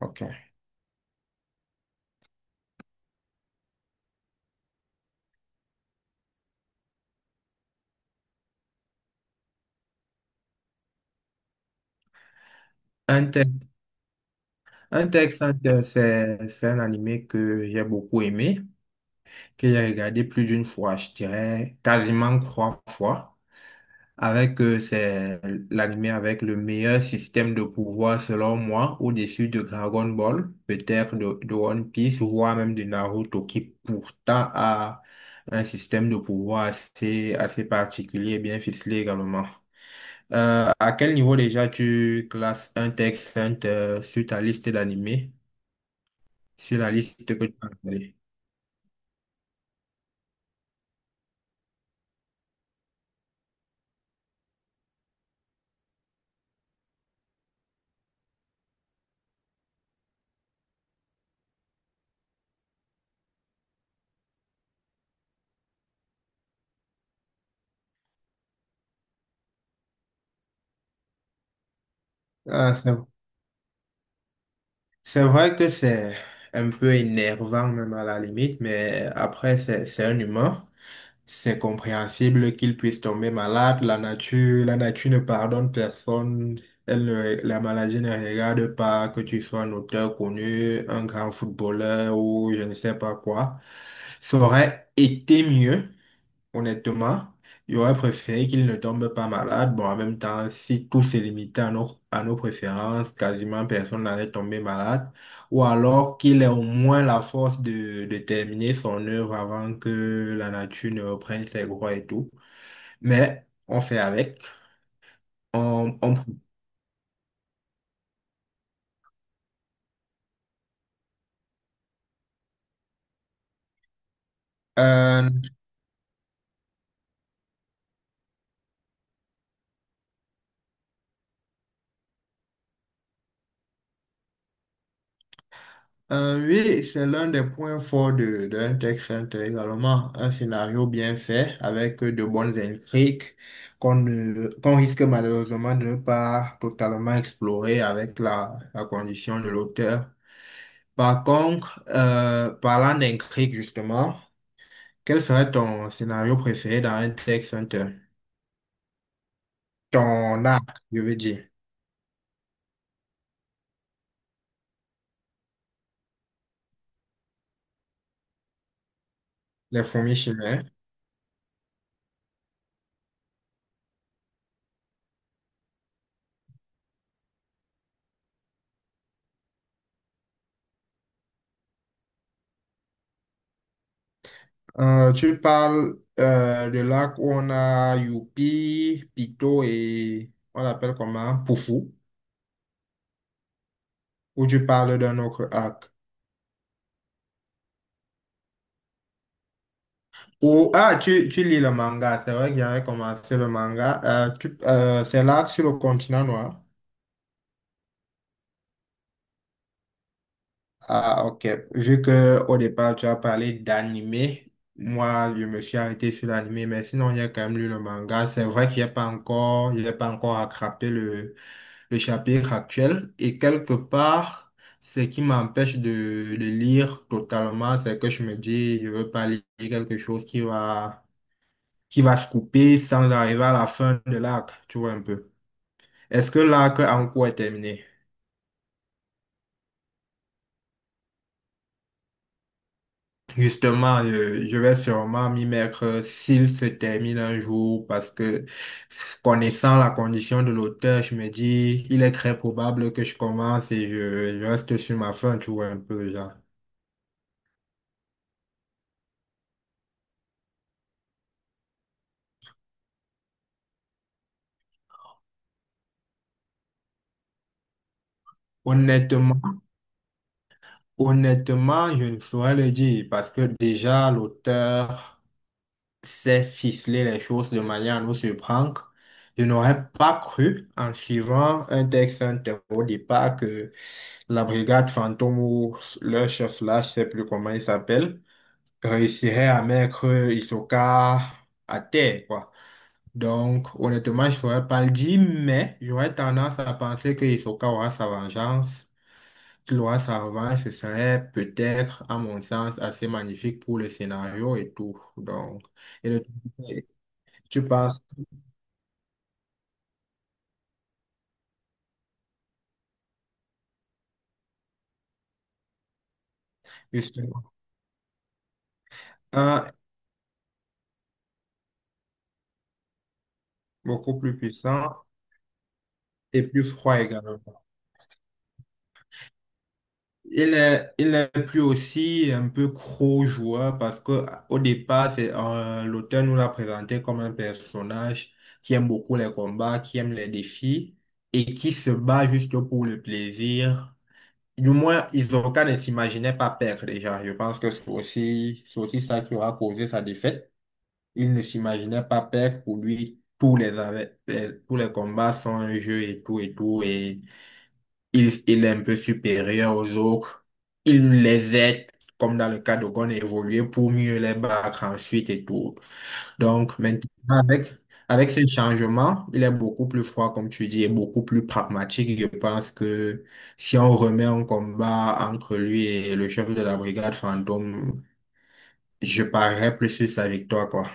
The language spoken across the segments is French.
Ok. Hunter, Hunter x Hunter, c'est un animé que j'ai beaucoup aimé, que j'ai regardé plus d'une fois, je dirais quasiment trois fois, avec c'est l'animé avec le meilleur système de pouvoir selon moi, au-dessus de Dragon Ball, peut-être de One Piece, voire même de Naruto, qui pourtant a un système de pouvoir assez, assez particulier et bien ficelé également. À quel niveau déjà tu classes un texte sur ta liste d'animés, sur la liste que tu as installée? Ah, c'est vrai que c'est un peu énervant même à la limite, mais après c'est un humain. C'est compréhensible qu'il puisse tomber malade. La nature ne pardonne personne. Elle ne- La maladie ne regarde pas que tu sois un auteur connu, un grand footballeur ou je ne sais pas quoi. Ça aurait été mieux. Honnêtement, j'aurais préféré qu'il ne tombe pas malade. Bon, en même temps, si tout se limitait à nos préférences, quasiment personne n'allait tomber malade. Ou alors qu'il ait au moins la force de terminer son œuvre avant que la nature ne reprenne ses droits et tout. Mais on fait avec. On... Euh, oui, c'est l'un des points forts d'un texte intérêt également. Un scénario bien fait avec de bonnes intrigues qu'on risque malheureusement de ne pas totalement explorer avec la condition de l'auteur. Par contre, parlant d'intrigues justement, quel serait ton scénario préféré dans un texte intérêt? Ton arc, je veux dire, les fourmis chimères. Tu parles de lac où on a Youpi, Pito et on l'appelle comment? Poufou. Ou tu parles d'un autre lac? Ou, ah, tu lis le manga. C'est vrai que j'avais commencé le manga. C'est l'arc sur le continent noir. Ah, ok. Vu que au départ, tu as parlé d'animé, moi, je me suis arrêté sur l'animé, mais sinon, il y a quand même lu le manga. C'est vrai qu'il n'y a pas encore, il a pas encore attrapé le chapitre actuel. Et quelque part, ce qui m'empêche de le lire totalement, c'est que je me dis, je veux pas lire quelque chose qui va se couper sans arriver à la fin de l'arc. Tu vois un peu. Est-ce que l'arc en cours est terminé? Justement, je vais sûrement m'y mettre s'il se termine un jour parce que connaissant la condition de l'auteur, je me dis, il est très probable que je commence et je reste sur ma fin, tu vois, un peu, genre. Honnêtement, honnêtement, je ne saurais le dire parce que déjà, l'auteur sait ficeler les choses de manière à nous surprendre. Je n'aurais pas cru, en suivant un texte inter au départ, que la brigade fantôme ou leur chef là, je sais plus comment il s'appelle, réussirait à mettre Hisoka à terre, quoi. Donc, honnêtement, je ne saurais pas le dire, mais j'aurais tendance à penser que Hisoka aura sa vengeance, qu'il aura sa revanche, ce serait peut-être, à mon sens, assez magnifique pour le scénario et tout. Donc, et le- tu passes justement un beaucoup plus puissant et plus froid également. Il est plus aussi un peu gros joueur parce que au départ, c'est, l'auteur nous l'a présenté comme un personnage qui aime beaucoup les combats, qui aime les défis et qui se bat juste pour le plaisir. Du moins, Hisoka ne s'imaginait pas perdre déjà. Je pense que c'est aussi ça qui aura causé sa défaite. Il ne s'imaginait pas perdre. Pour lui, tous les combats sont un jeu et tout et tout. Et il est un peu supérieur aux autres. Il les aide, comme dans le cas de Gon, à évoluer pour mieux les battre ensuite et tout. Donc maintenant, avec, avec ce changement, il est beaucoup plus froid, comme tu dis, et beaucoup plus pragmatique. Je pense que si on remet un combat entre lui et le chef de la brigade fantôme, je parierais plus sur sa victoire, quoi.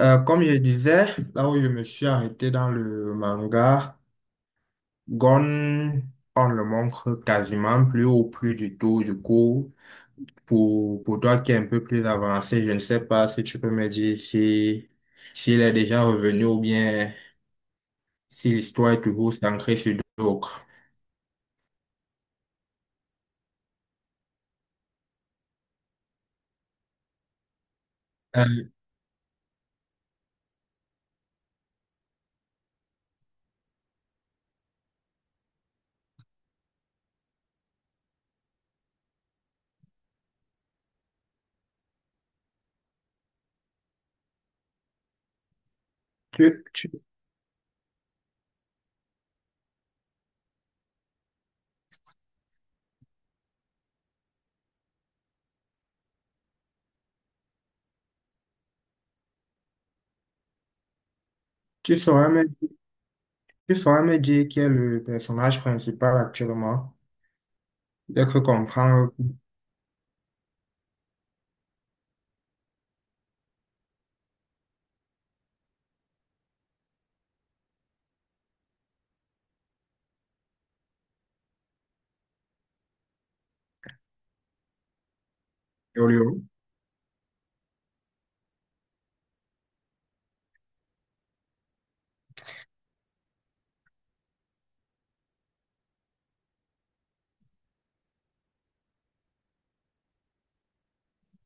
Comme je disais, là où je me suis arrêté dans le manga, Gon, on le montre quasiment plus ou plus du tout. Du coup, pour toi qui est un peu plus avancé, je ne sais pas si tu peux me dire si, s'il est déjà revenu ou bien si l'histoire est toujours centrée sur d'autres. Euh, tu, tu, tu saurais me Tu saurais me dire qui est le personnage principal actuellement? J'ai cru comprendre Yolio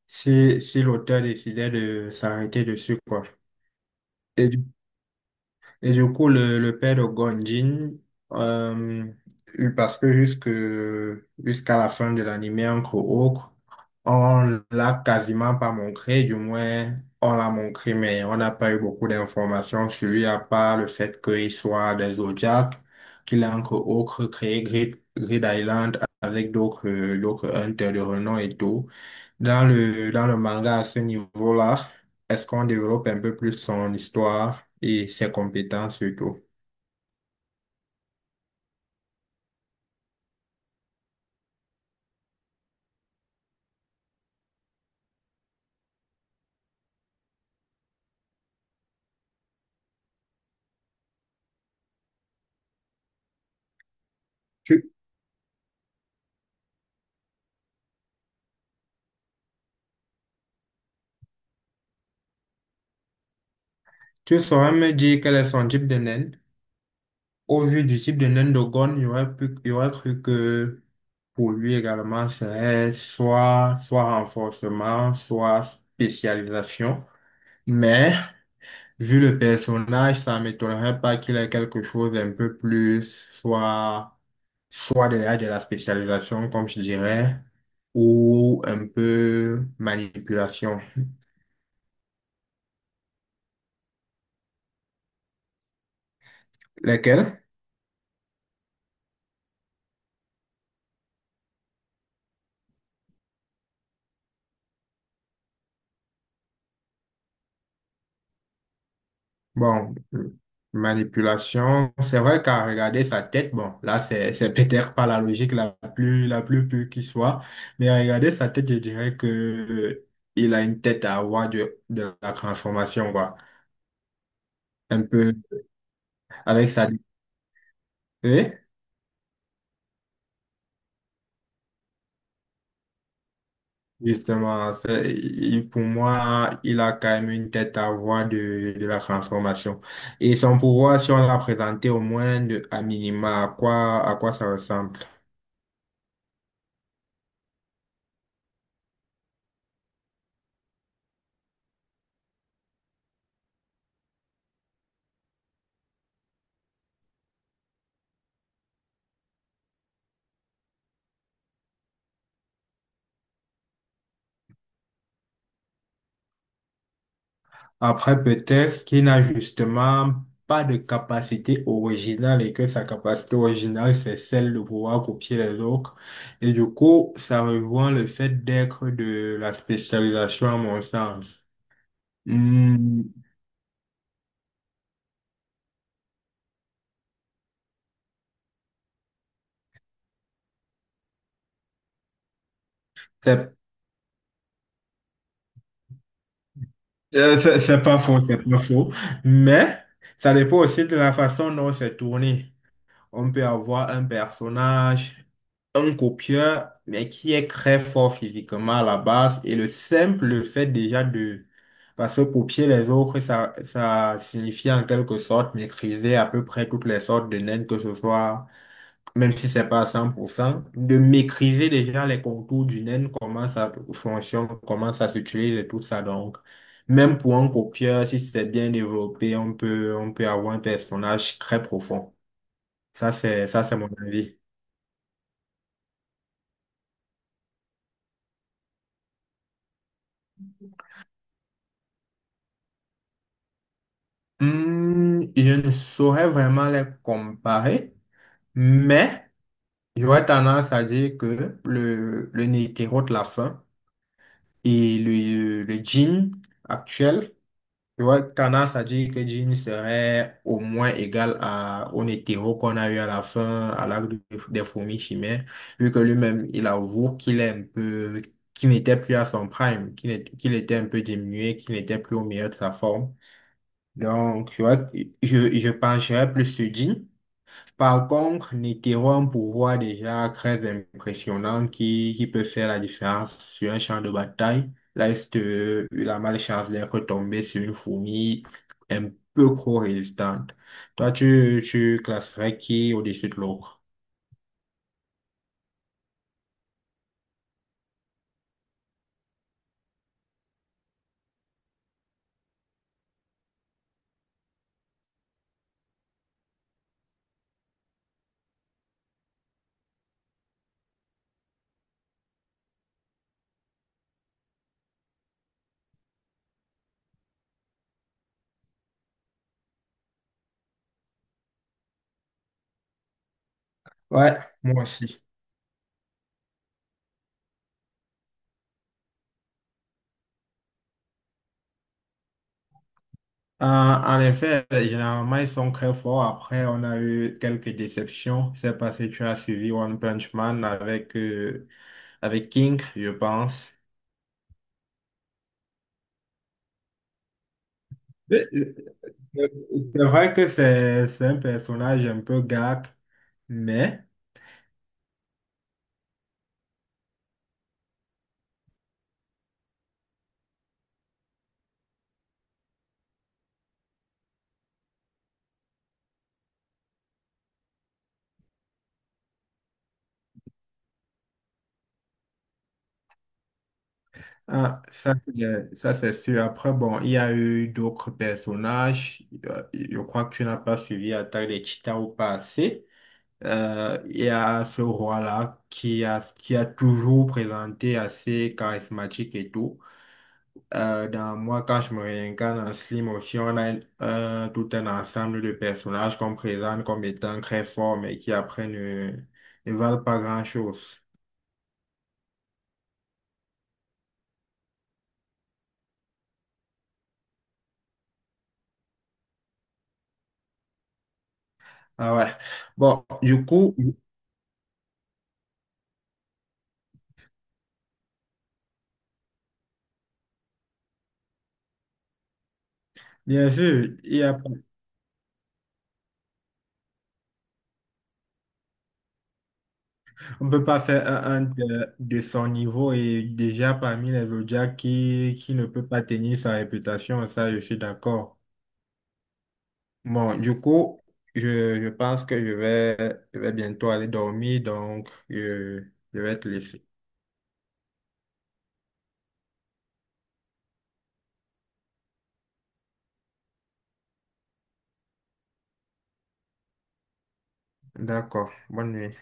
si l'auteur décidait de s'arrêter dessus, quoi. Et Et du coup, le père de Gonjin, euh, parce que jusqu'à la fin de l'anime, entre autres, on l'a quasiment pas montré, du moins, on l'a montré, mais on n'a pas eu beaucoup d'informations sur lui, à part le fait qu'il soit des Zodiacs, qu'il a entre autres créé Grid Island avec d'autres, hunters de renom et tout. Dans le manga, à ce niveau-là, est-ce qu'on développe un peu plus son histoire et ses compétences surtout? Tu, tu saurais me dire quel est son type de naine? Au vu du type de naine de Gon, j'aurais cru que pour lui également, c'est soit, soit renforcement, soit spécialisation. Mais vu le personnage, ça ne m'étonnerait pas qu'il ait quelque chose un peu plus, soit de la spécialisation, comme je dirais, ou un peu manipulation. Lesquels? Bon, manipulation, c'est vrai qu'à regarder sa tête, bon, là, c'est peut-être pas la logique la plus pure qui soit, mais à regarder sa tête, je dirais que il a une tête à avoir de la transformation, quoi. Un peu avec sa... Oui. Justement, pour moi, il a quand même une tête à voir de la transformation. Et son pouvoir, si on l'a présenté au moins à minima, à quoi ça ressemble? Après, peut-être qu'il n'a justement pas de capacité originale et que sa capacité originale, c'est celle de pouvoir copier les autres. Et du coup, ça rejoint le fait d'être de la spécialisation à mon sens. Hmm, c'est pas faux, c'est pas faux. Mais ça dépend aussi de la façon dont c'est tourné. On peut avoir un personnage, un copieur, mais qui est très fort physiquement à la base. Et le simple fait déjà de... Parce que copier les autres, ça signifie en quelque sorte maîtriser à peu près toutes les sortes de naines, que ce soit même si c'est pas à 100%, de maîtriser déjà les contours du naine, comment ça fonctionne, comment ça s'utilise et tout ça. Donc, même pour un copieur, si c'est bien développé, on peut avoir un personnage très profond. Ça, c'est mon avis. Je ne saurais vraiment les comparer, mais j'aurais tendance à dire que le Netero de la fin et le jean actuel. Tu vois, Kana, ça dit que Jean serait au moins égal au hétéro qu'on a eu à la fin, à des fourmis chimères, vu que lui-même, il avoue qu'il est un peu, qu'il n'était plus à son prime, qu'il était un peu diminué, qu'il n'était plus au meilleur de sa forme. Donc, tu vois, je pencherais plus sur Jean. Par contre, Netero a un pouvoir déjà très impressionnant qui peut faire la différence sur un champ de bataille. Là, il a malchance d'être tombé sur une fourmi un peu trop résistante. Toi, tu classerais qui au-dessus de l'autre? Ouais, moi aussi. En effet, généralement, ils sont très forts. Après, on a eu quelques déceptions. C'est parce que tu as suivi One Punch Man avec King, je pense. C'est c'est vrai que c'est un personnage un peu gag, mais ah, ça, c'est sûr. Après, bon, il y a eu d'autres personnages. Je crois que tu n'as pas suivi Attaque des Titans au passé. Il y a ce roi-là qui a toujours présenté assez charismatique et tout. Dans moi, quand je me réincarne en Slim aussi, on a tout un ensemble de personnages qu'on présente comme étant très forts, mais qui après ne valent pas grand-chose. Ah ouais. Bon, du coup, bien sûr, on ne peut pas faire un de son niveau et déjà parmi les Zodiacs qui ne peut pas tenir sa réputation, ça, je suis d'accord. Bon, du coup, je pense que je vais bientôt aller dormir, donc je vais te laisser. D'accord. Bonne nuit.